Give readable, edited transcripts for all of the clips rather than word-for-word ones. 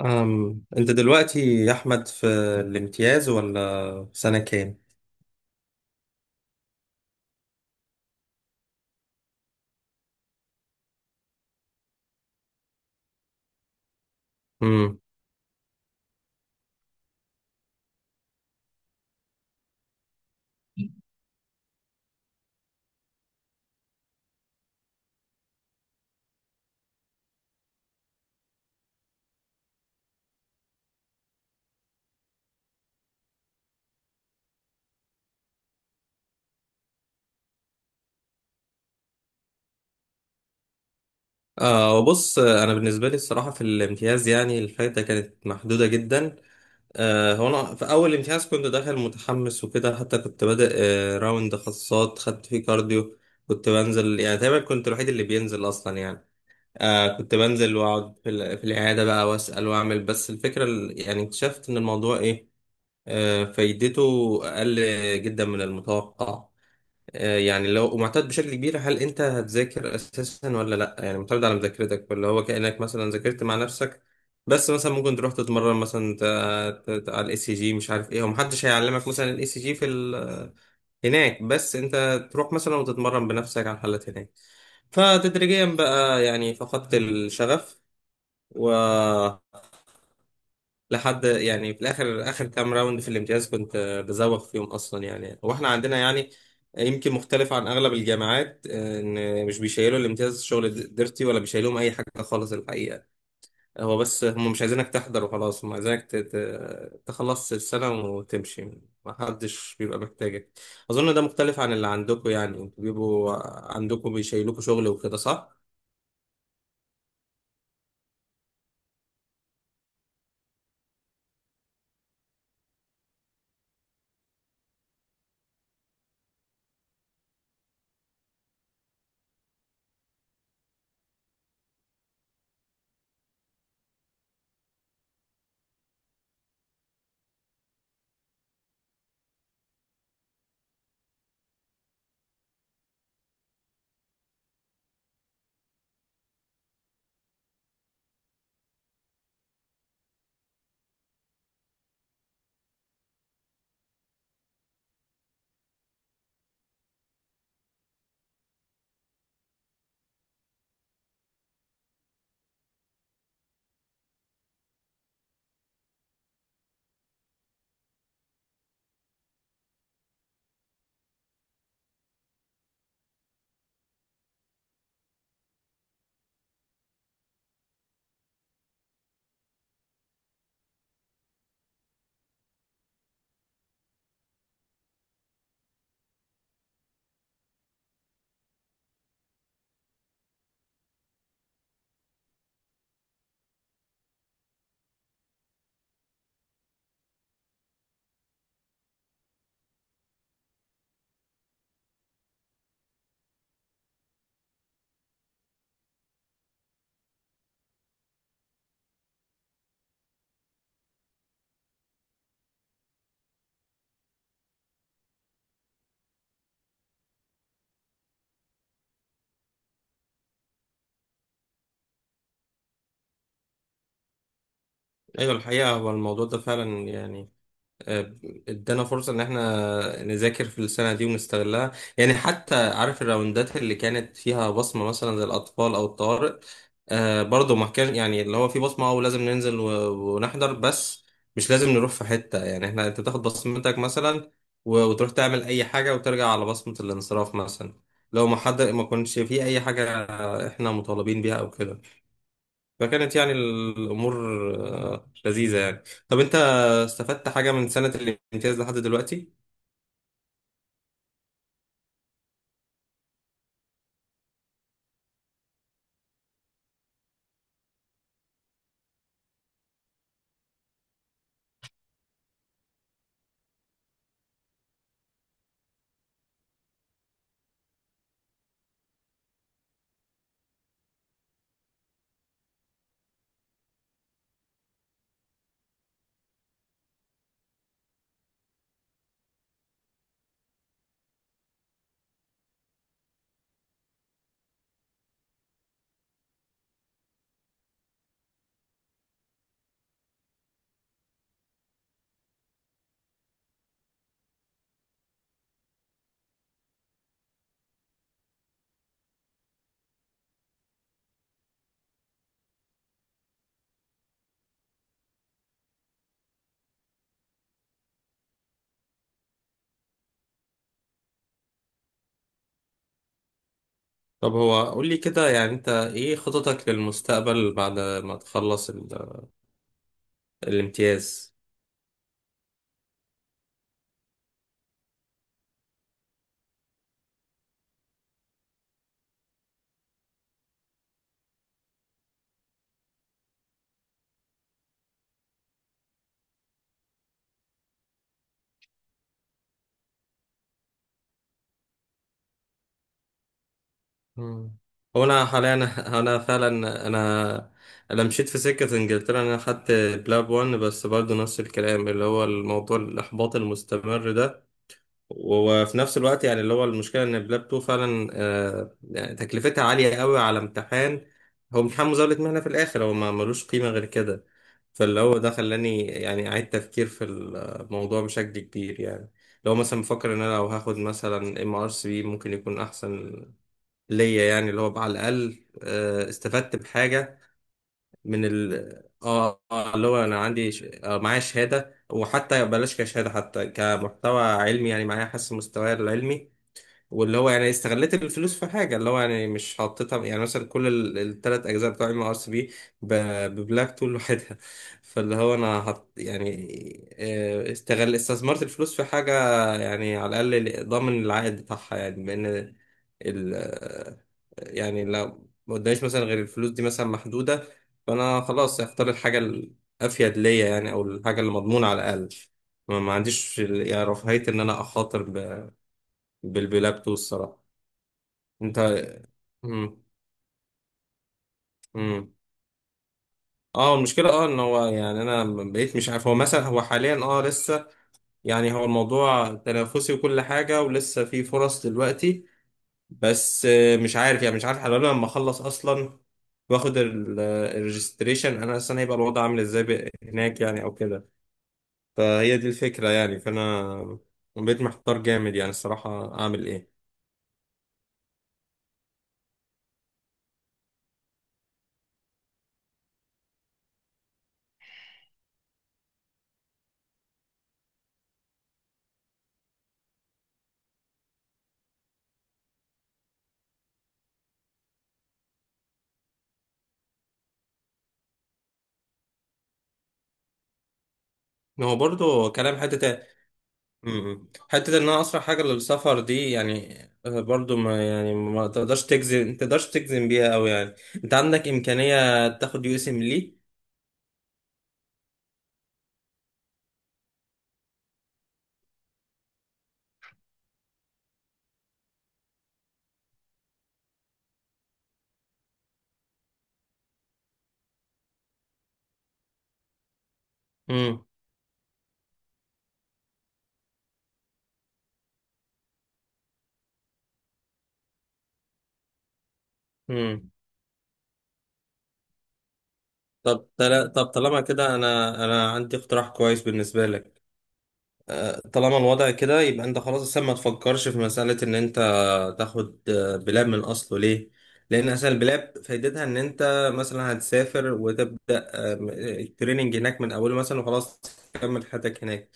انت دلوقتي يا احمد في الامتياز ولا سنة كام؟ امم بص انا بالنسبة لي الصراحة في الامتياز يعني الفايدة كانت محدودة جدا. هو انا في اول امتياز كنت داخل متحمس وكده، حتى كنت بادئ راوند خاصات خدت فيه كارديو. كنت بنزل، يعني تقريبا كنت الوحيد اللي بينزل اصلا يعني. كنت بنزل واقعد في العيادة بقى واسأل واعمل، بس الفكرة يعني اكتشفت ان الموضوع ايه، فايدته اقل جدا من المتوقع. يعني لو معتاد بشكل كبير، هل انت هتذاكر اساسا ولا لا؟ يعني معتمد على مذاكرتك، ولا هو كأنك مثلا ذاكرت مع نفسك، بس مثلا ممكن تروح تتمرن مثلا على الاي سي جي، مش عارف ايه. ومحدش هيعلمك مثلا الاي سي جي في ال... هناك، بس انت تروح مثلا وتتمرن بنفسك على الحالات هناك. فتدريجيا بقى يعني فقدت الشغف، لحد يعني في الاخر اخر كام راوند في الامتياز كنت بزوغ فيهم اصلا يعني. واحنا عندنا يعني يمكن مختلف عن اغلب الجامعات، ان مش بيشيلوا الامتياز شغل ديرتي ولا بيشيلوهم اي حاجه خالص الحقيقه. هو بس هم مش عايزينك تحضر وخلاص، هم عايزينك تخلص السنه وتمشي. ما حدش بيبقى محتاجك. اظن ده مختلف عن اللي عندكم، يعني انتوا بيبقوا عندكم بيشيلوكوا شغل وكده، صح؟ ايوه الحقيقه هو الموضوع ده فعلا يعني آه، ادانا فرصة ان احنا نذاكر في السنة دي ونستغلها. يعني حتى عارف الراوندات اللي كانت فيها بصمة مثلا زي الأطفال أو الطوارئ، برضه ما كان يعني اللي هو في بصمة أو لازم ننزل ونحضر، بس مش لازم نروح في حتة يعني. احنا انت تاخد بصمتك مثلا وتروح تعمل أي حاجة وترجع على بصمة الانصراف مثلا، لو ما حد ما كنش في أي حاجة احنا مطالبين بيها أو كده. فكانت يعني الأمور لذيذة يعني. طب أنت استفدت حاجة من سنة الامتياز لحد دلوقتي؟ طب هو قول لي كده، يعني أنت إيه خططك للمستقبل بعد ما تخلص الامتياز؟ مم. هو أنا حاليا، أنا فعلا، أنا أنا مشيت في سكة إنجلترا. أنا خدت بلاب 1، بس برضه نفس الكلام اللي هو الموضوع الإحباط المستمر ده. وفي نفس الوقت يعني اللي هو المشكلة إن بلاب 2 فعلا يعني تكلفتها عالية قوي على امتحان. هو امتحان مزاولة مهنة في الآخر، هو ما ملوش قيمة غير كده. فاللي هو ده خلاني يعني أعيد تفكير في الموضوع بشكل كبير يعني. لو مثلا بفكر إن أنا لو هاخد مثلا ام ار سي بي ممكن يكون أحسن ليا، يعني اللي هو على الأقل استفدت بحاجة من ال، اه. اللي هو انا عندي ش... معايا شهاده، وحتى بلاش كشهاده، حتى كمحتوى علمي يعني معايا، حاسس مستواي العلمي. واللي هو يعني استغليت الفلوس في حاجه، اللي هو يعني مش حطيتها يعني مثلا كل الثلاث اجزاء بتوع ام ار سي بي ببلاك تول لوحدها. فاللي هو انا حط يعني استثمرت الفلوس في حاجه يعني على الاقل ضامن العائد بتاعها، يعني بان يعني لو ما قداميش مثلا غير الفلوس دي مثلا محدودة، فأنا خلاص هختار الحاجة الأفيد ليا، يعني أو الحاجة اللي مضمونة على الأقل. ما عنديش يعني رفاهية إن أنا أخاطر بالبلابتو الصراحة. أنت. مم. مم. اه المشكلة اه ان هو يعني انا بقيت مش عارف، هو مثلا هو حاليا اه لسه يعني هو الموضوع تنافسي وكل حاجة ولسه في فرص دلوقتي. بس مش عارف، يعني مش عارف حلو لما اخلص اصلا واخد الريجستريشن، انا اصلا هيبقى الوضع عامل ازاي هناك يعني او كده. فهي دي الفكره يعني، فانا بقيت محتار جامد يعني الصراحه اعمل ايه. إن هو برضو كلام حته. امم، حته ان انا اسرع حاجه للسفر دي يعني برضو ما يعني ما تقدرش تجزم بيها قوي يعني. انت عندك امكانيه تاخد يو اس ام لي؟ امم. طب طالما كده، انا انا عندي اقتراح كويس بالنسبه لك. طالما الوضع كده يبقى انت خلاص اصلا ما تفكرش في مساله ان انت تاخد بلاب من اصله ليه. لان اصلا البلاب فايدتها ان انت مثلا هتسافر وتبدا التريننج هناك من اوله مثلا وخلاص تكمل حياتك هناك.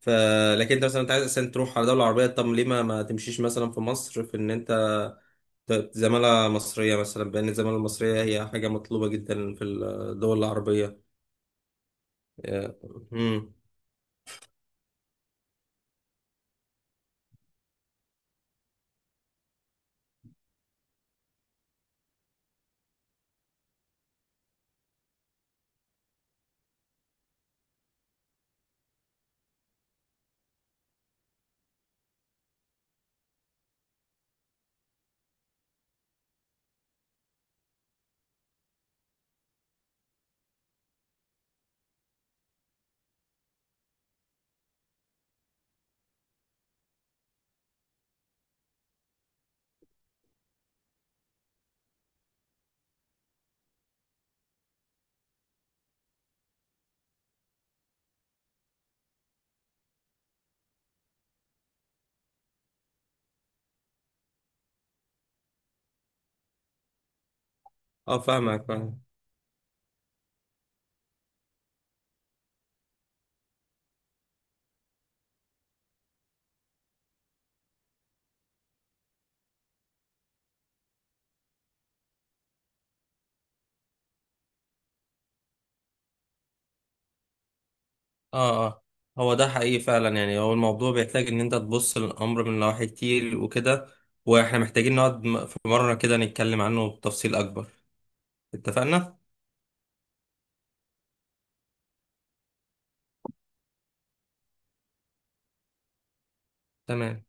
ف، لكن انت مثلا انت عايز اصلا تروح على دوله عربيه، طب ليه ما تمشيش مثلا في مصر في ان انت زماله مصريه مثلا، بان الزماله المصريه هي حاجه مطلوبه جدا في الدول العربيه. امم. اه فاهمك، فاهم. اه اه، هو ده حقيقي فعلا يعني. هو الموضوع بيحتاج ان انت تبص للامر من نواحي كتير وكده، واحنا محتاجين نقعد في مرة كده نتكلم عنه بتفصيل اكبر. اتفقنا؟ تمام.